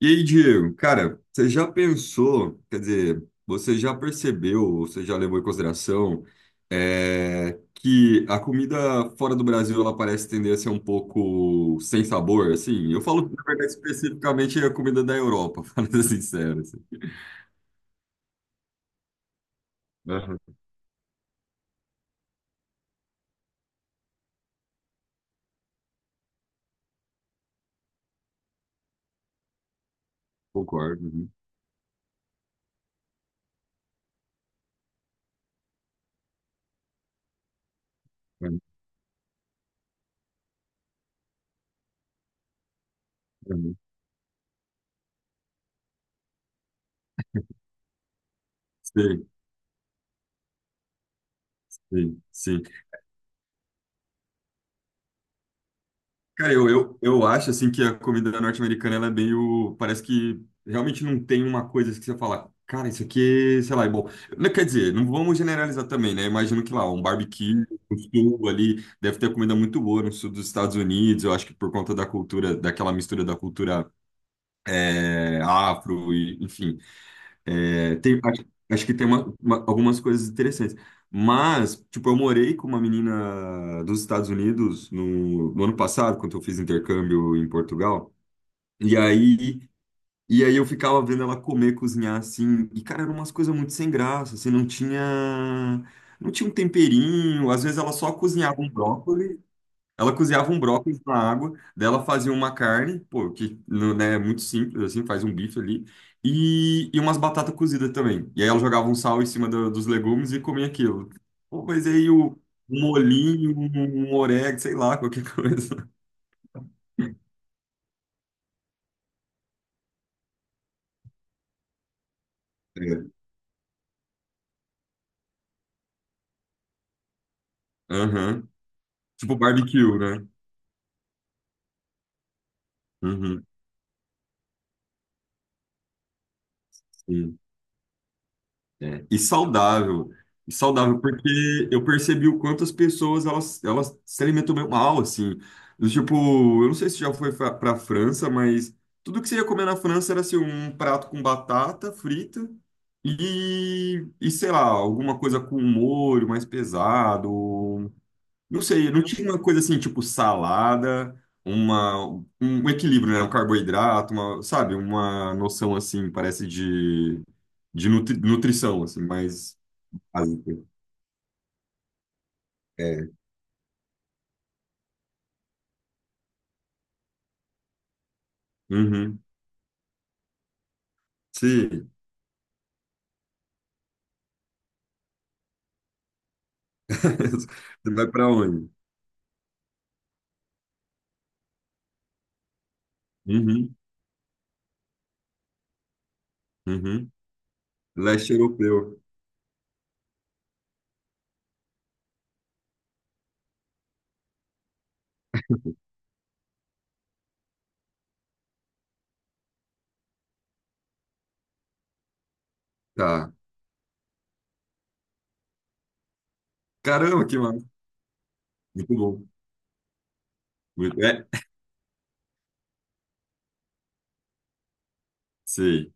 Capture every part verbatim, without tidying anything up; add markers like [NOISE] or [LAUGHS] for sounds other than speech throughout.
E aí, Diego, cara, você já pensou, quer dizer, você já percebeu, ou você já levou em consideração, é, que a comida fora do Brasil, ela parece tender a ser um pouco sem sabor, assim? Eu falo, na verdade, especificamente a comida da Europa, [LAUGHS] falando sincero, assim. Aham. Concordo. Uhum. Uhum. Sim, sim, sim. Cara, eu, eu, eu acho assim que a comida norte-americana ela é meio. Parece que realmente não tem uma coisa que você fala, cara, isso aqui, sei lá, é bom. Não, quer dizer, não vamos generalizar também, né? Imagino que lá, um barbecue, um sul ali, deve ter comida muito boa no sul dos Estados Unidos. Eu acho que por conta da cultura, daquela mistura da cultura é, afro, e, enfim. É, tem- acho, acho que tem uma- uma- algumas coisas interessantes. Mas, tipo, eu morei com uma menina dos Estados Unidos no, no ano passado, quando eu fiz intercâmbio em Portugal. E aí, e aí eu ficava vendo ela comer, cozinhar assim. E, cara, eram umas coisas muito sem graça. Assim, não tinha, não tinha um temperinho. Às vezes ela só cozinhava um brócolis. Ela cozinhava um brócolis na água, dela fazia uma carne, pô, que não- né, é muito simples, assim, faz um bife ali, e, e umas batatas cozidas também. E aí ela jogava um sal em cima do- dos legumes e comia aquilo. Pô, mas aí o, um molhinho, um, um orégano, sei lá, qualquer [LAUGHS] coisa. É. Aham. Tipo barbecue, né? Uhum, sim. É, e saudável. E saudável, porque eu percebi o quanto as pessoas elas, elas se alimentam meio mal, assim. Do tipo, eu não sei se já foi fa- pra França, mas tudo que você ia comer na França era assim, um prato com batata frita e, e sei lá, alguma coisa com molho mais pesado. Não sei, não tinha uma coisa assim, tipo salada, uma, um um equilíbrio, né? Um carboidrato, uma, sabe? Uma noção assim, parece de de nutri- nutrição, assim, mais básica. É. Uhum. Sim. [LAUGHS] Você vai para onde? Uhum. Uhum. Leste europeu. Tá. Caramba, que massa. Muito bom. Muito... É, sei.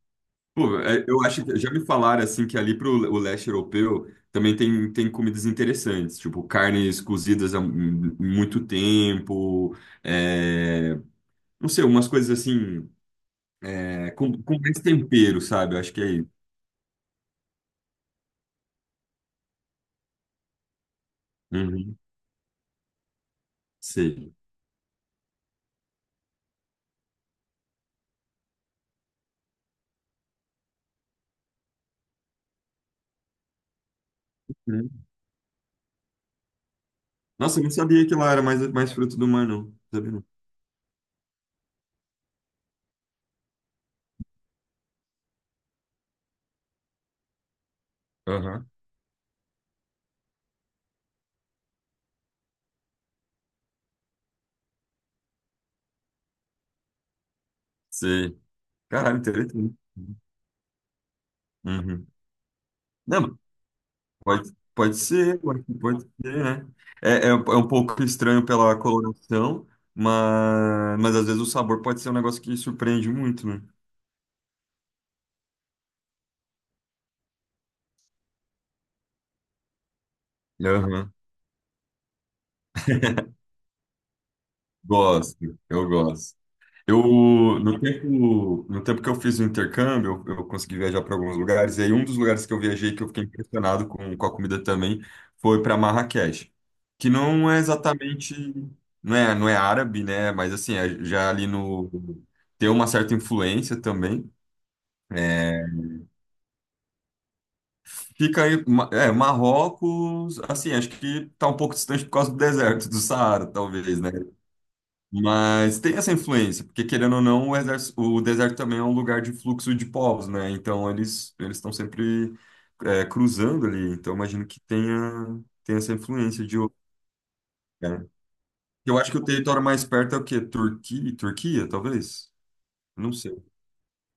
Pô, é, eu acho que já me falaram assim que ali pro o leste europeu também tem, tem comidas interessantes, tipo carnes cozidas há mu- muito tempo, é, não sei, umas coisas assim, é, com, com mais tempero, sabe? Eu acho que é isso. Uhum, sei. Uhum. Nossa, eu não sabia que lá era mais, mais fruto do mar, não. Não sabia não. Aham. Sei. Caralho, interessante. Uhum. Não, mas pode, pode ser, pode, pode ser, né? É, é, um é um pouco estranho pela coloração, mas, mas às vezes o sabor pode ser um negócio que surpreende muito, né? Aham. Gosto, eu gosto. Eu, no tempo, no tempo que eu fiz o intercâmbio, eu, eu consegui viajar para alguns lugares, e aí um dos lugares que eu viajei que eu fiquei impressionado com, com a comida também foi para Marrakech, que não é exatamente, não é, não é árabe, né? Mas assim, é já ali no, tem uma certa influência também. É, fica aí, Ma- é, Marrocos, assim, acho que tá um pouco distante por causa do deserto do Saara, talvez, né? Mas tem essa influência, porque querendo ou não, o, exército- o deserto também é um lugar de fluxo de povos, né? Então eles eles estão sempre é, cruzando ali. Então imagino que tenha, tenha essa influência de outro lugar. Eu acho que o território mais perto é o quê? Turquia? Turquia, talvez? Não sei.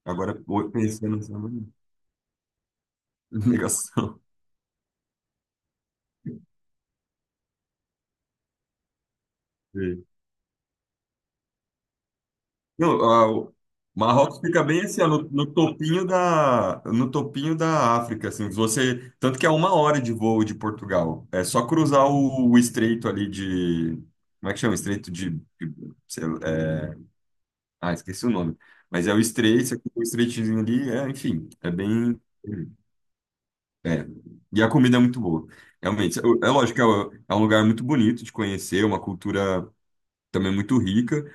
Agora, o- pensando nessa [LAUGHS] negação. Não, a- o Marrocos fica bem assim, ó, no, no topinho da, no topinho da África, assim, você, tanto que é uma hora de voo de Portugal. É só cruzar o, o estreito ali de, como é que chama? Estreito de, de- sei lá, é, ah, esqueci o nome. Mas é o estreito, você cruza o estreitinho ali, é, enfim, é bem, é. E a comida é muito boa. Realmente, é é lógico que é é um lugar muito bonito de conhecer, uma cultura também muito rica.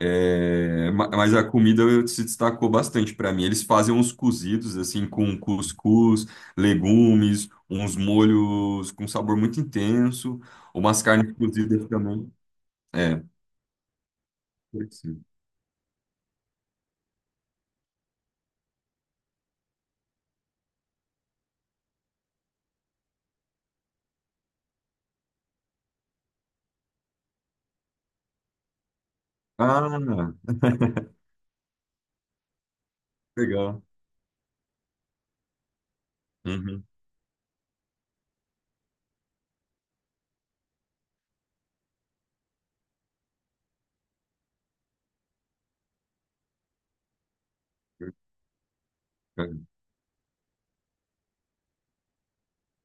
É, ma- mas a comida se destacou bastante para mim. Eles fazem uns cozidos assim com cuscuz, legumes, uns molhos com sabor muito intenso, umas carnes cozidas também. É, pode ser. Ah, legal. Uhum.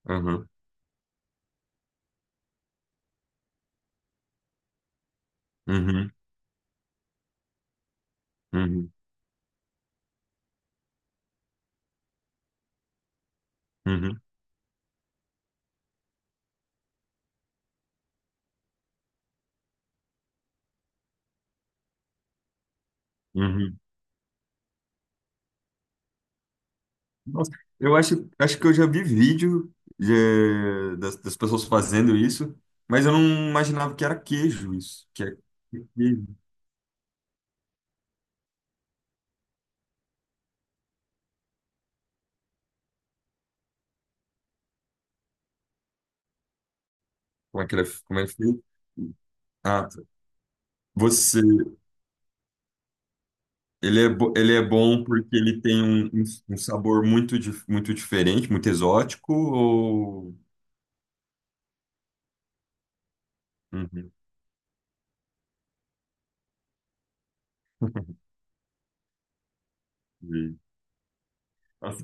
Uhum. Uhum. Uhum. Uhum. Uhum. Nossa, eu acho, acho que eu já vi vídeo eh, das, das pessoas fazendo isso, mas eu não imaginava que era queijo isso, que é queijo. Como é que ele é, como é feito? Ah, tá. Você, ele é, bo- ele é bom porque ele tem um, um um sabor muito, dif- muito diferente, muito exótico, ou... Uhum. [LAUGHS] Nossa,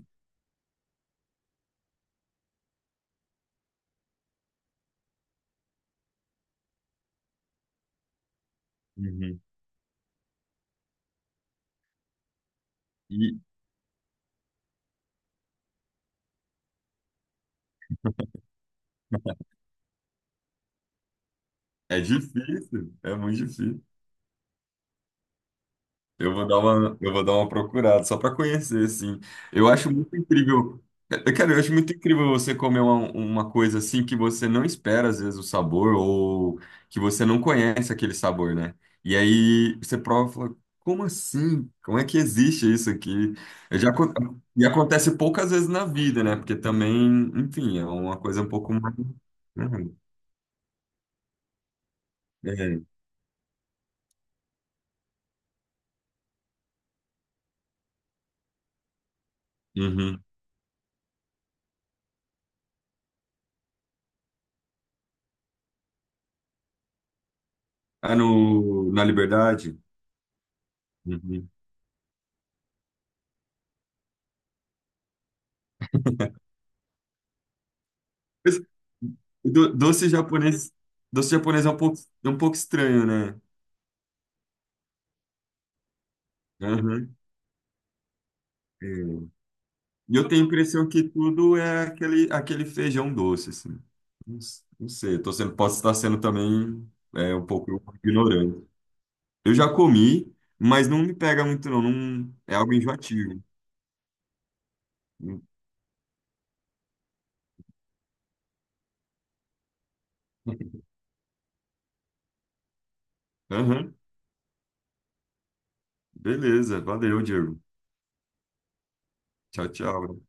uhum. E é difícil, é muito difícil. Eu vou dar uma, eu vou dar uma procurada só para conhecer, assim. Eu acho muito incrível. Eu, cara, eu acho muito incrível você comer uma, uma coisa assim que você não espera, às vezes, o sabor, ou que você não conhece aquele sabor, né? E aí você prova e fala, como assim? Como é que existe isso aqui? Eu já, acon- e acontece poucas vezes na vida, né? Porque também, enfim, é uma coisa um pouco mais. Né? É. Uhum. Ah, no, na Liberdade? Uhum. Do- doce japonês, doce japonês é um pouco, é um pouco estranho, né? Aham. É. E eu tenho a impressão que tudo é aquele, aquele feijão doce, assim. Não, s- não sei, tô sendo, posso estar sendo também é, um pouco ignorante. Eu já comi, mas não me pega muito, não. Não- é algo enjoativo. [LAUGHS] Aham. Beleza, valeu, Diego. Tchau, tchau.